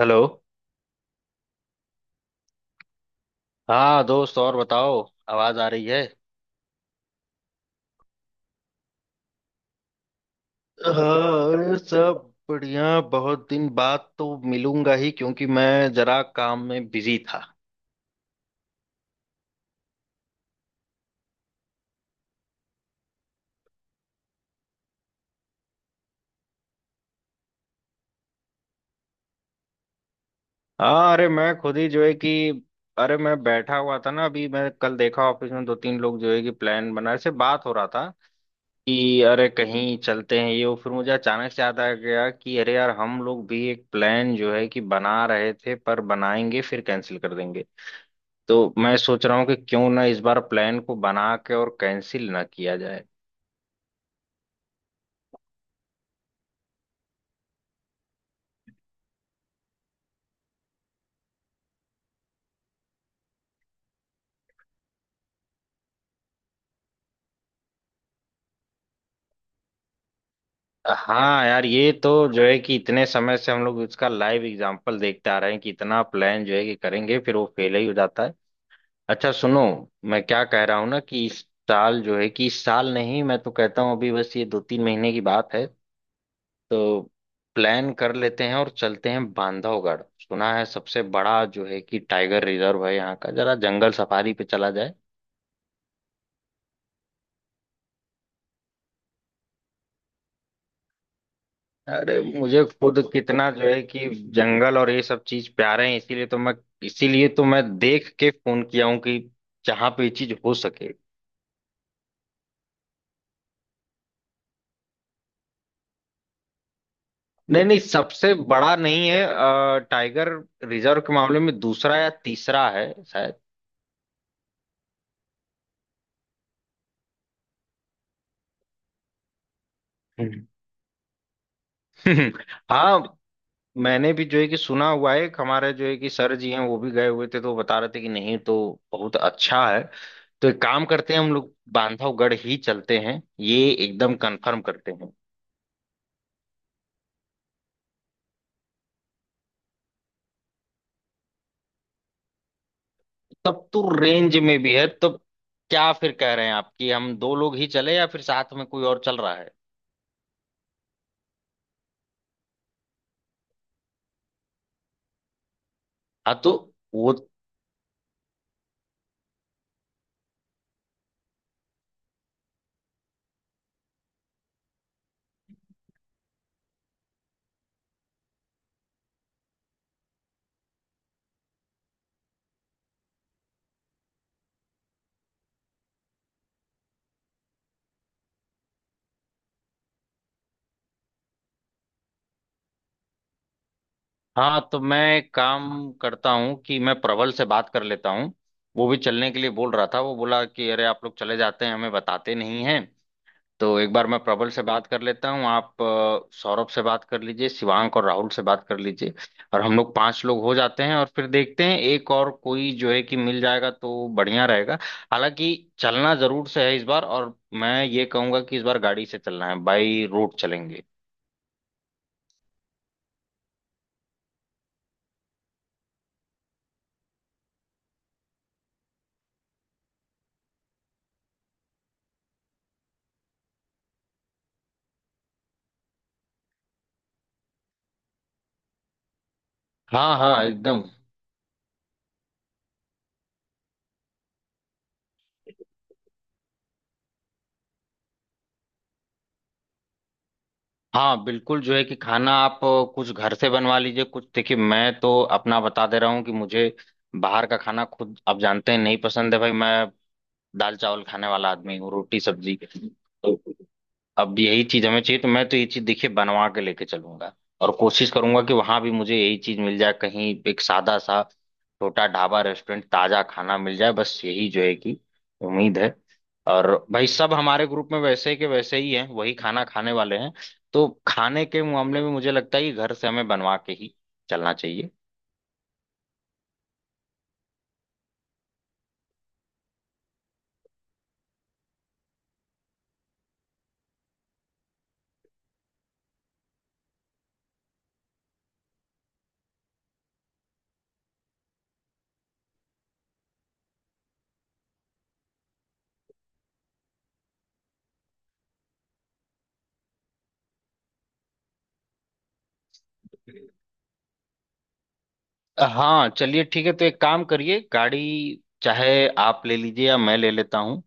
Hello. हाँ दोस्त, और बताओ। आवाज आ रही है? हाँ, अरे सब बढ़िया। बहुत दिन बाद तो मिलूंगा ही, क्योंकि मैं जरा काम में बिजी था। हाँ, अरे मैं खुद ही जो है कि, अरे मैं बैठा हुआ था ना, अभी मैं कल देखा ऑफिस में दो तीन लोग जो है कि प्लान बना से बात हो रहा था कि अरे कहीं चलते हैं ये वो, फिर मुझे अचानक से याद आ गया कि अरे यार हम लोग भी एक प्लान जो है कि बना रहे थे, पर बनाएंगे फिर कैंसिल कर देंगे। तो मैं सोच रहा हूँ कि क्यों ना इस बार प्लान को बना के और कैंसिल ना किया जाए। हाँ यार, ये तो जो है कि इतने समय से हम लोग इसका लाइव एग्जांपल देखते आ रहे हैं कि इतना प्लान जो है कि करेंगे फिर वो फेल ही हो जाता है। अच्छा सुनो, मैं क्या कह रहा हूँ ना कि इस साल जो है कि, इस साल नहीं, मैं तो कहता हूँ अभी बस ये 2 3 महीने की बात है। तो प्लान कर लेते हैं और चलते हैं बांधवगढ़। सुना है सबसे बड़ा जो है कि टाइगर रिजर्व है, यहाँ का जरा जंगल सफारी पे चला जाए। अरे मुझे खुद कितना जो है कि जंगल और ये सब चीज प्यारे हैं, इसीलिए तो मैं, इसीलिए तो मैं देख के फोन किया हूँ कि जहां पे ये चीज हो सके। नहीं नहीं, सबसे बड़ा नहीं है, टाइगर रिजर्व के मामले में दूसरा या तीसरा है शायद। हम्म। हाँ, मैंने भी जो है कि सुना हुआ है, एक हमारे जो है कि सर जी हैं, वो भी गए हुए थे, तो वो बता रहे थे कि नहीं तो बहुत अच्छा है। तो एक काम करते हैं, हम लोग बांधवगढ़ ही चलते हैं, ये एकदम कंफर्म करते हैं। तब तो रेंज में भी है। तब क्या फिर कह रहे हैं आप कि हम दो लोग ही चले या फिर साथ में कोई और चल रहा है? हाँ तो वो हाँ तो मैं एक काम करता हूँ कि मैं प्रबल से बात कर लेता हूँ। वो भी चलने के लिए बोल रहा था, वो बोला कि अरे आप लोग चले जाते हैं हमें बताते नहीं हैं। तो एक बार मैं प्रबल से बात कर लेता हूँ, आप सौरभ से बात कर लीजिए, शिवांक और राहुल से बात कर लीजिए। और हम लोग पांच लोग हो जाते हैं, और फिर देखते हैं एक और कोई जो है कि मिल जाएगा तो बढ़िया रहेगा। हालांकि चलना जरूर से है इस बार, और मैं ये कहूंगा कि इस बार गाड़ी से चलना है, बाई रोड चलेंगे। हाँ हाँ एकदम। हाँ बिल्कुल जो है कि खाना, आप कुछ घर से बनवा लीजिए, कुछ देखिए, मैं तो अपना बता दे रहा हूँ कि मुझे बाहर का खाना, खुद आप जानते हैं, नहीं पसंद है भाई। मैं दाल चावल खाने वाला आदमी हूँ, रोटी सब्जी तो अब यही चीज हमें चाहिए। तो मैं तो ये चीज देखिए बनवा के लेके चलूंगा, और कोशिश करूंगा कि वहां भी मुझे यही चीज मिल जाए, कहीं एक सादा सा छोटा ढाबा रेस्टोरेंट ताजा खाना मिल जाए, बस यही जो है कि उम्मीद है। और भाई सब हमारे ग्रुप में वैसे के वैसे ही हैं, वही खाना खाने वाले हैं। तो खाने के मामले में मुझे लगता है कि घर से हमें बनवा के ही चलना चाहिए। हाँ चलिए ठीक है, तो एक काम करिए, गाड़ी चाहे आप ले लीजिए या मैं ले लेता हूँ।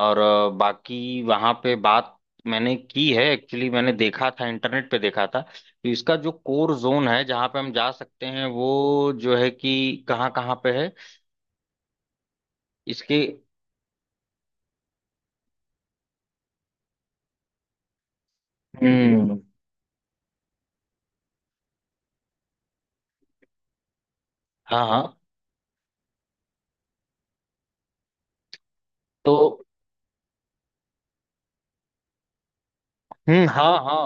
और बाकी वहाँ पे बात मैंने की है, एक्चुअली मैंने देखा था, इंटरनेट पे देखा था, तो इसका जो कोर जोन है जहाँ पे हम जा सकते हैं, वो जो है कि कहाँ कहाँ पे है इसके। हम्म हाँ हाँ। तो हाँ हाँ,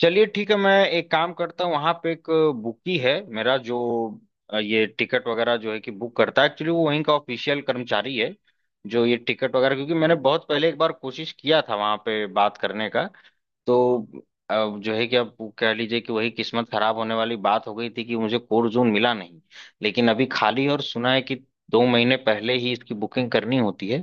चलिए ठीक है, मैं एक काम करता हूँ, वहां पे एक बुकी है मेरा, जो ये टिकट वगैरह जो है कि बुक करता है। एक्चुअली वो वहीं का ऑफिशियल कर्मचारी है जो ये टिकट वगैरह, क्योंकि मैंने बहुत पहले एक बार कोशिश किया था वहां पे बात करने का। तो अब जो है कि आप कह लीजिए कि वही किस्मत खराब होने वाली बात हो गई थी कि मुझे कोर जोन मिला नहीं, लेकिन अभी खाली है। और सुना है कि 2 महीने पहले ही इसकी बुकिंग करनी होती है,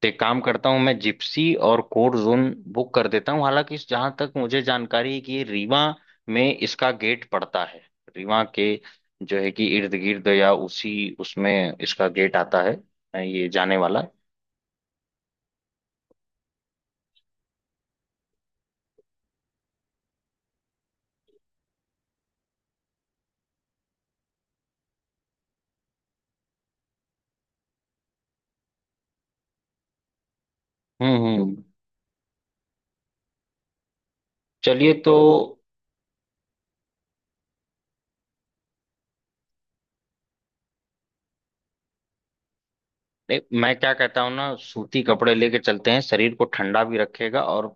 तो एक काम करता हूँ, मैं जिप्सी और कोर जोन बुक कर देता हूँ। हालांकि जहाँ तक मुझे जानकारी है कि ये रीवा में इसका गेट पड़ता है, रीवा के जो है कि इर्द गिर्द या उसी उसमें इसका गेट आता है, ये जाने वाला। हम्म। चलिए तो नहीं, मैं क्या कहता हूँ ना, सूती कपड़े लेके चलते हैं, शरीर को ठंडा भी रखेगा, और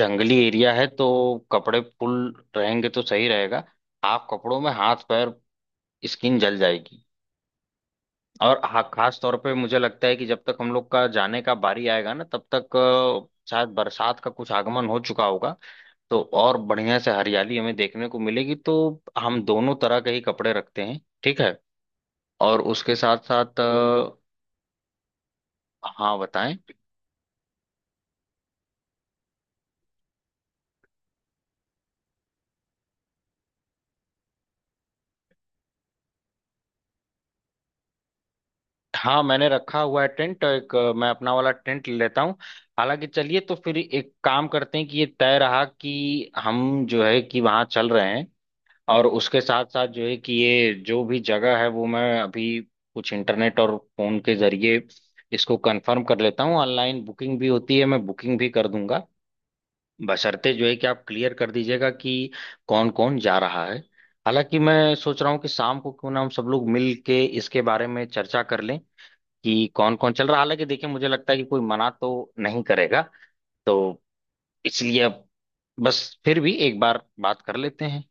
जंगली एरिया है तो कपड़े फुल रहेंगे तो सही रहेगा। हाफ कपड़ों में हाथ पैर, स्किन जल जाएगी। और खास तौर पे मुझे लगता है कि जब तक हम लोग का जाने का बारी आएगा ना, तब तक शायद बरसात का कुछ आगमन हो चुका होगा, तो और बढ़िया से हरियाली हमें देखने को मिलेगी। तो हम दोनों तरह के ही कपड़े रखते हैं, ठीक है? और उसके साथ साथ, हाँ बताएं। हाँ मैंने रखा हुआ है टेंट तो एक, मैं अपना वाला टेंट ले लेता हूँ। हालांकि चलिए तो फिर एक काम करते हैं कि ये तय रहा कि हम जो है कि वहाँ चल रहे हैं। और उसके साथ साथ जो है कि ये जो भी जगह है वो मैं अभी कुछ इंटरनेट और फोन के जरिए इसको कंफर्म कर लेता हूँ। ऑनलाइन बुकिंग भी होती है, मैं बुकिंग भी कर दूंगा, बशर्ते जो है कि आप क्लियर कर दीजिएगा कि कौन कौन जा रहा है। हालांकि मैं सोच रहा हूँ कि शाम को क्यों ना हम सब लोग मिल के इसके बारे में चर्चा कर लें कि कौन कौन चल रहा। हालांकि देखिए मुझे लगता है कि कोई मना तो नहीं करेगा, तो इसलिए अब बस, फिर भी एक बार बात कर लेते हैं।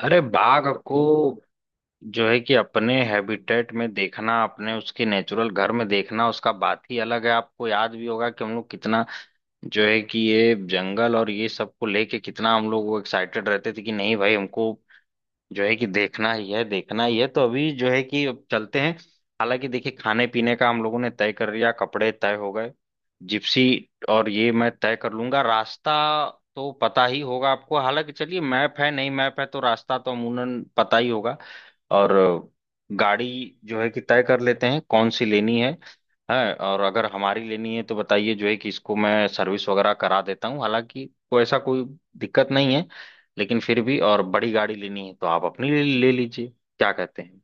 अरे बाघ को जो है कि अपने हैबिटेट में देखना, अपने उसके नेचुरल घर में देखना, उसका बात ही अलग है। आपको याद भी होगा कि हम लोग कितना जो है कि ये जंगल और ये सब को लेके कितना हम लोग वो एक्साइटेड रहते थे कि नहीं भाई हमको जो है कि देखना ही है, देखना ही है। तो अभी जो है कि अब चलते हैं। हालांकि देखिए खाने पीने का हम लोगों ने तय कर लिया, कपड़े तय हो गए, जिप्सी और ये मैं तय कर लूंगा। रास्ता तो पता ही होगा आपको, हालांकि चलिए मैप है, नहीं मैप है तो रास्ता तो अमूमन पता ही होगा। और गाड़ी जो है कि तय कर लेते हैं कौन सी लेनी है, और अगर हमारी लेनी है तो बताइए, जो है कि इसको मैं सर्विस वगैरह करा देता हूँ। हालांकि कोई ऐसा कोई दिक्कत नहीं है, लेकिन फिर भी और बड़ी गाड़ी लेनी है तो आप अपनी ले लीजिए, क्या कहते हैं?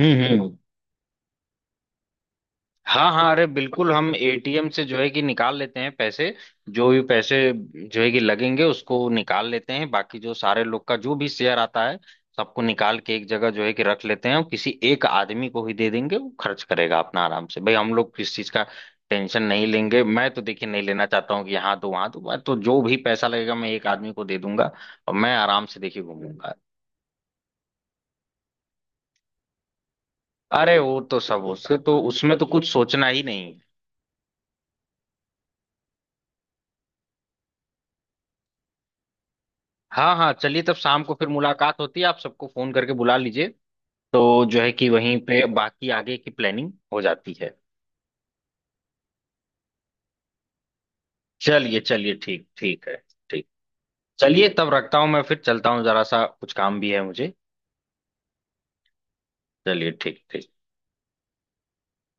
हम्म, हाँ हाँ, अरे बिल्कुल, हम ATM से जो है कि निकाल लेते हैं पैसे। जो भी पैसे जो है कि लगेंगे उसको निकाल लेते हैं, बाकी जो सारे लोग का जो भी शेयर आता है सबको निकाल के एक जगह जो है कि रख लेते हैं, और किसी एक आदमी को ही दे देंगे, वो खर्च करेगा अपना आराम से। भाई हम लोग किस चीज का टेंशन नहीं लेंगे, मैं तो देखिए नहीं लेना चाहता हूँ कि यहाँ तो वहां तो, मैं तो जो भी पैसा लगेगा मैं एक आदमी को दे दूंगा और मैं आराम से देखिए घूमूंगा। अरे वो तो सब उसके तो उसमें तो कुछ सोचना ही नहीं। हाँ हाँ चलिए, तब शाम को फिर मुलाकात होती है, आप सबको फोन करके बुला लीजिए। तो जो है कि वहीं पे बाकी आगे की प्लानिंग हो जाती है। चलिए चलिए, ठीक ठीक है, ठीक। चलिए तब रखता हूँ, मैं फिर चलता हूँ, जरा सा कुछ काम भी है मुझे। चलिए ठीक ठीक।